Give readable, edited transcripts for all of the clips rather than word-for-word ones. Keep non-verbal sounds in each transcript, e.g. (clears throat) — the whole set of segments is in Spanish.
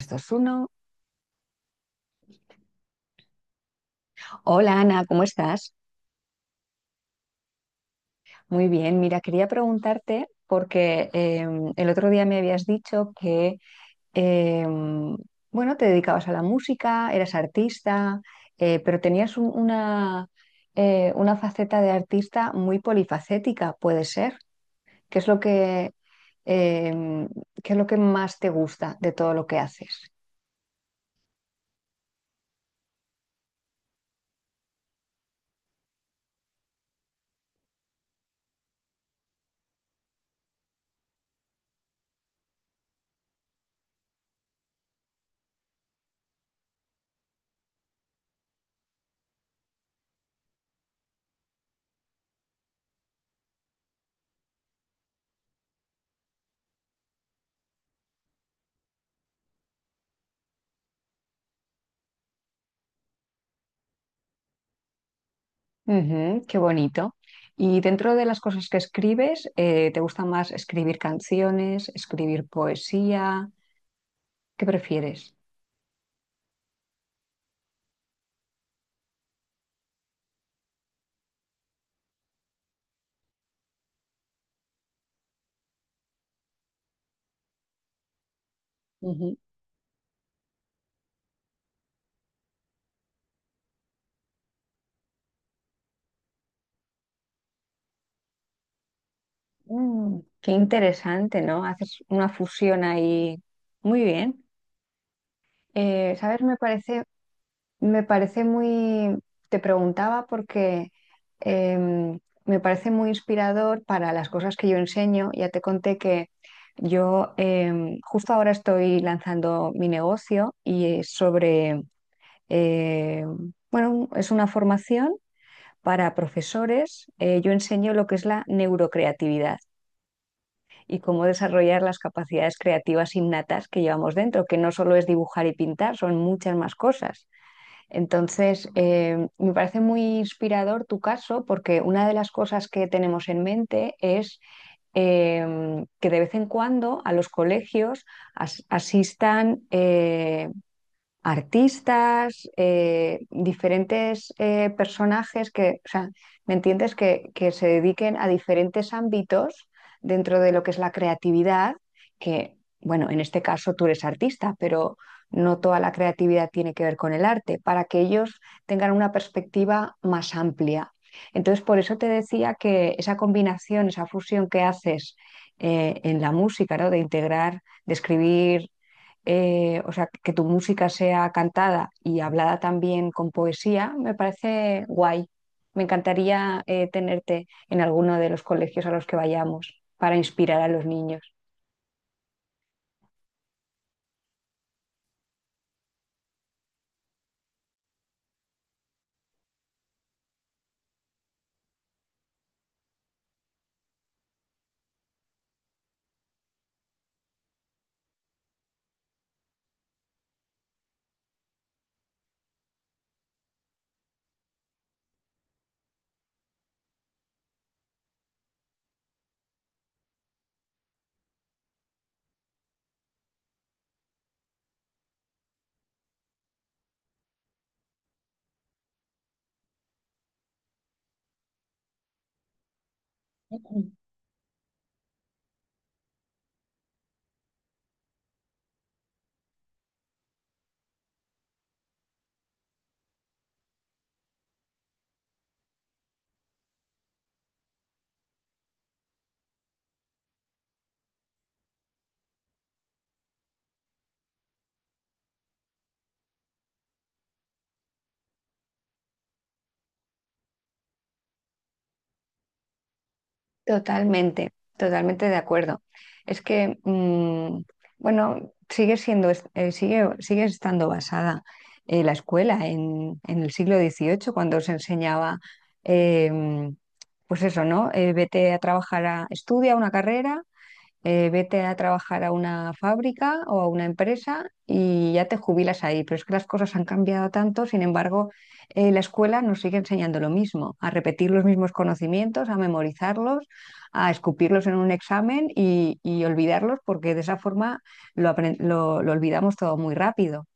Estos uno. Hola Ana, ¿cómo estás? Muy bien, mira, quería preguntarte porque el otro día me habías dicho que, em, bueno, te dedicabas a la música, eras artista, pero tenías una faceta de artista muy polifacética, puede ser. ¿Qué es lo que, em, qué es lo que más te gusta de todo lo que haces? Ujú, qué bonito. Y dentro de las cosas que escribes, ¿te gusta más escribir canciones, escribir poesía? ¿Qué prefieres? Ujú. Mm, qué interesante, ¿no? Haces una fusión ahí. Muy bien. ¿Sabes? Me parece te preguntaba porque em, me parece muy inspirador para las cosas que yo enseño. Ya te conté que yo justo ahora estoy lanzando mi negocio y es sobre, bueno, es una formación para profesores. Yo enseño lo que es la neurocreatividad y cómo desarrollar las capacidades creativas innatas que llevamos dentro, que no solo es dibujar y pintar, son muchas más cosas. Entonces, me parece muy inspirador tu caso porque una de las cosas que tenemos en mente es que de vez en cuando a los colegios asistan artistas, diferentes personajes que, o sea, ¿me entiendes? Que se dediquen a diferentes ámbitos dentro de lo que es la creatividad, que, bueno, en este caso tú eres artista, pero no toda la creatividad tiene que ver con el arte, para que ellos tengan una perspectiva más amplia. Entonces, por eso te decía que esa combinación, esa fusión que haces en la música, ¿no? De integrar, de escribir o sea, que tu música sea cantada y hablada también con poesía, me parece guay. Me encantaría tenerte en alguno de los colegios a los que vayamos para inspirar a los niños. Totalmente, totalmente de acuerdo. Es que, bueno, sigue siendo, sigue, sigue estando basada la escuela en el siglo XVIII, cuando se enseñaba, em, pues eso, ¿no? Vete a trabajar, a, estudia una carrera vete a trabajar a una fábrica o a una empresa y ya te jubilas ahí. Pero es que las cosas han cambiado tanto, sin embargo, la escuela nos sigue enseñando lo mismo, a repetir los mismos conocimientos, a memorizarlos, a escupirlos en un examen y olvidarlos, porque de esa forma lo olvidamos todo muy rápido.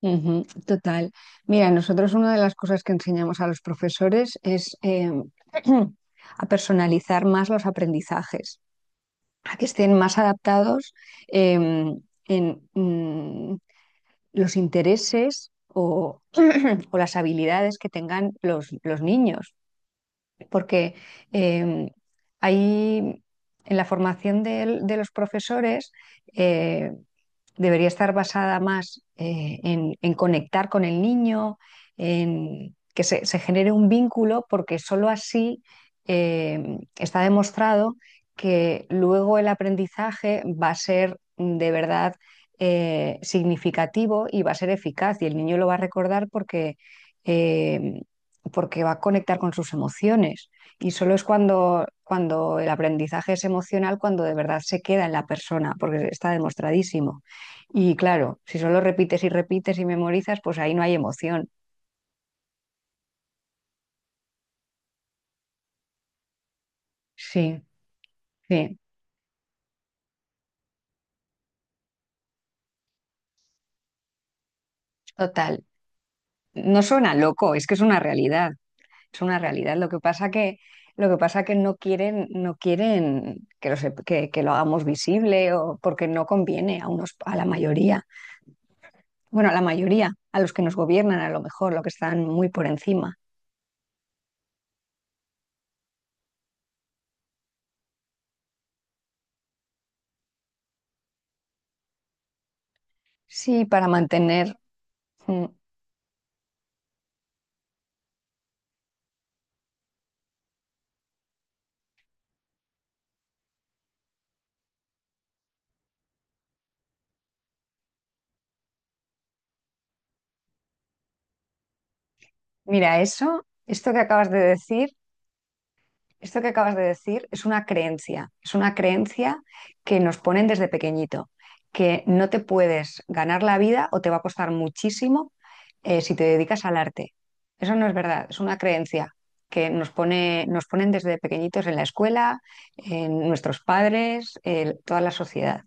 Ujú, total. Mira, nosotros una de las cosas que enseñamos a los profesores es (clears throat) a personalizar más los aprendizajes. A que estén más adaptados em, en mm, los intereses o las habilidades que tengan los niños, porque em, ahí en la formación de, los profesores, eh, debería estar basada más en, conectar con el niño, en que se genere un vínculo, porque solo así está demostrado que luego el aprendizaje va a ser de verdad significativo y va a ser eficaz y el niño lo va a recordar porque, eh, porque va a conectar con sus emociones. Y solo es cuando, cuando el aprendizaje es emocional, cuando de verdad se queda en la persona, porque está demostradísimo. Y claro, si solo repites y repites y memorizas, pues ahí no hay emoción. Sí, sí, total. No suena loco, es que es una realidad, es una realidad. Lo que pasa que, lo que pasa que no quieren, no quieren que lo, que lo hagamos visible o porque no conviene a unos, a la mayoría. Bueno, a la mayoría, a los que nos gobiernan a lo mejor, los que están muy por encima. Sí, para mantener. mm, Mira, eso, esto que acabas de decir. Esto que acabas de decir es una creencia que nos ponen desde pequeñito, que no te puedes ganar la vida o te va a costar muchísimo si te dedicas al arte. Eso no es verdad, es una creencia que nos pone, nos ponen desde pequeñitos en la escuela, en nuestros padres, en toda la sociedad.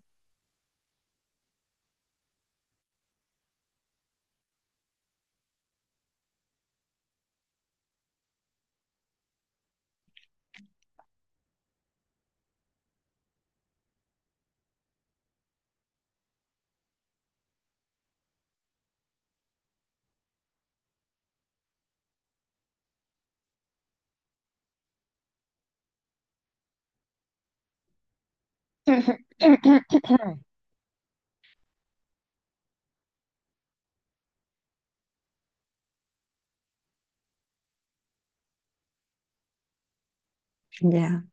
(coughs) Ya.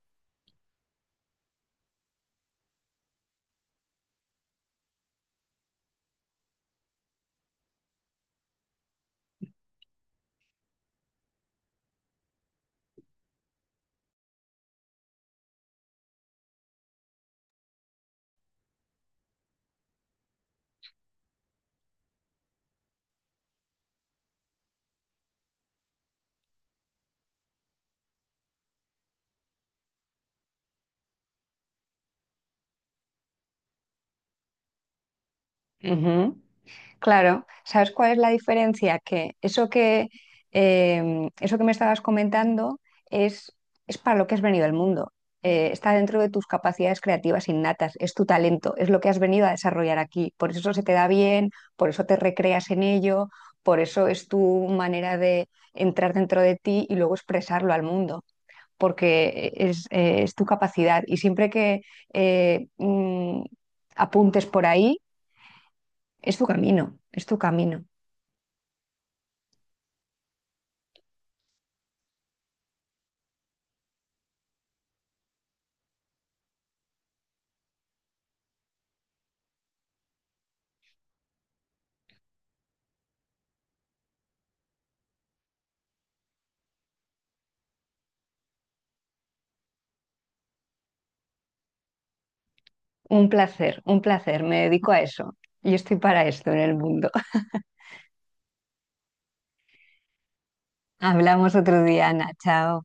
Ujú. Claro, ¿sabes cuál es la diferencia? Que eso que, eso que me estabas comentando es, es para lo que has venido al mundo. Está dentro de tus capacidades creativas innatas, es tu talento, es lo que has venido a desarrollar aquí. Por eso se te da bien, por eso te recreas en ello, por eso es tu manera de entrar dentro de ti y luego expresarlo al mundo, porque es tu capacidad. Y siempre que eh, mm, apuntes por ahí, es tu camino, es tu camino. Un placer, un placer. Me dedico a eso. Yo estoy para esto en el mundo. (laughs) Hablamos otro día, Ana. Chao.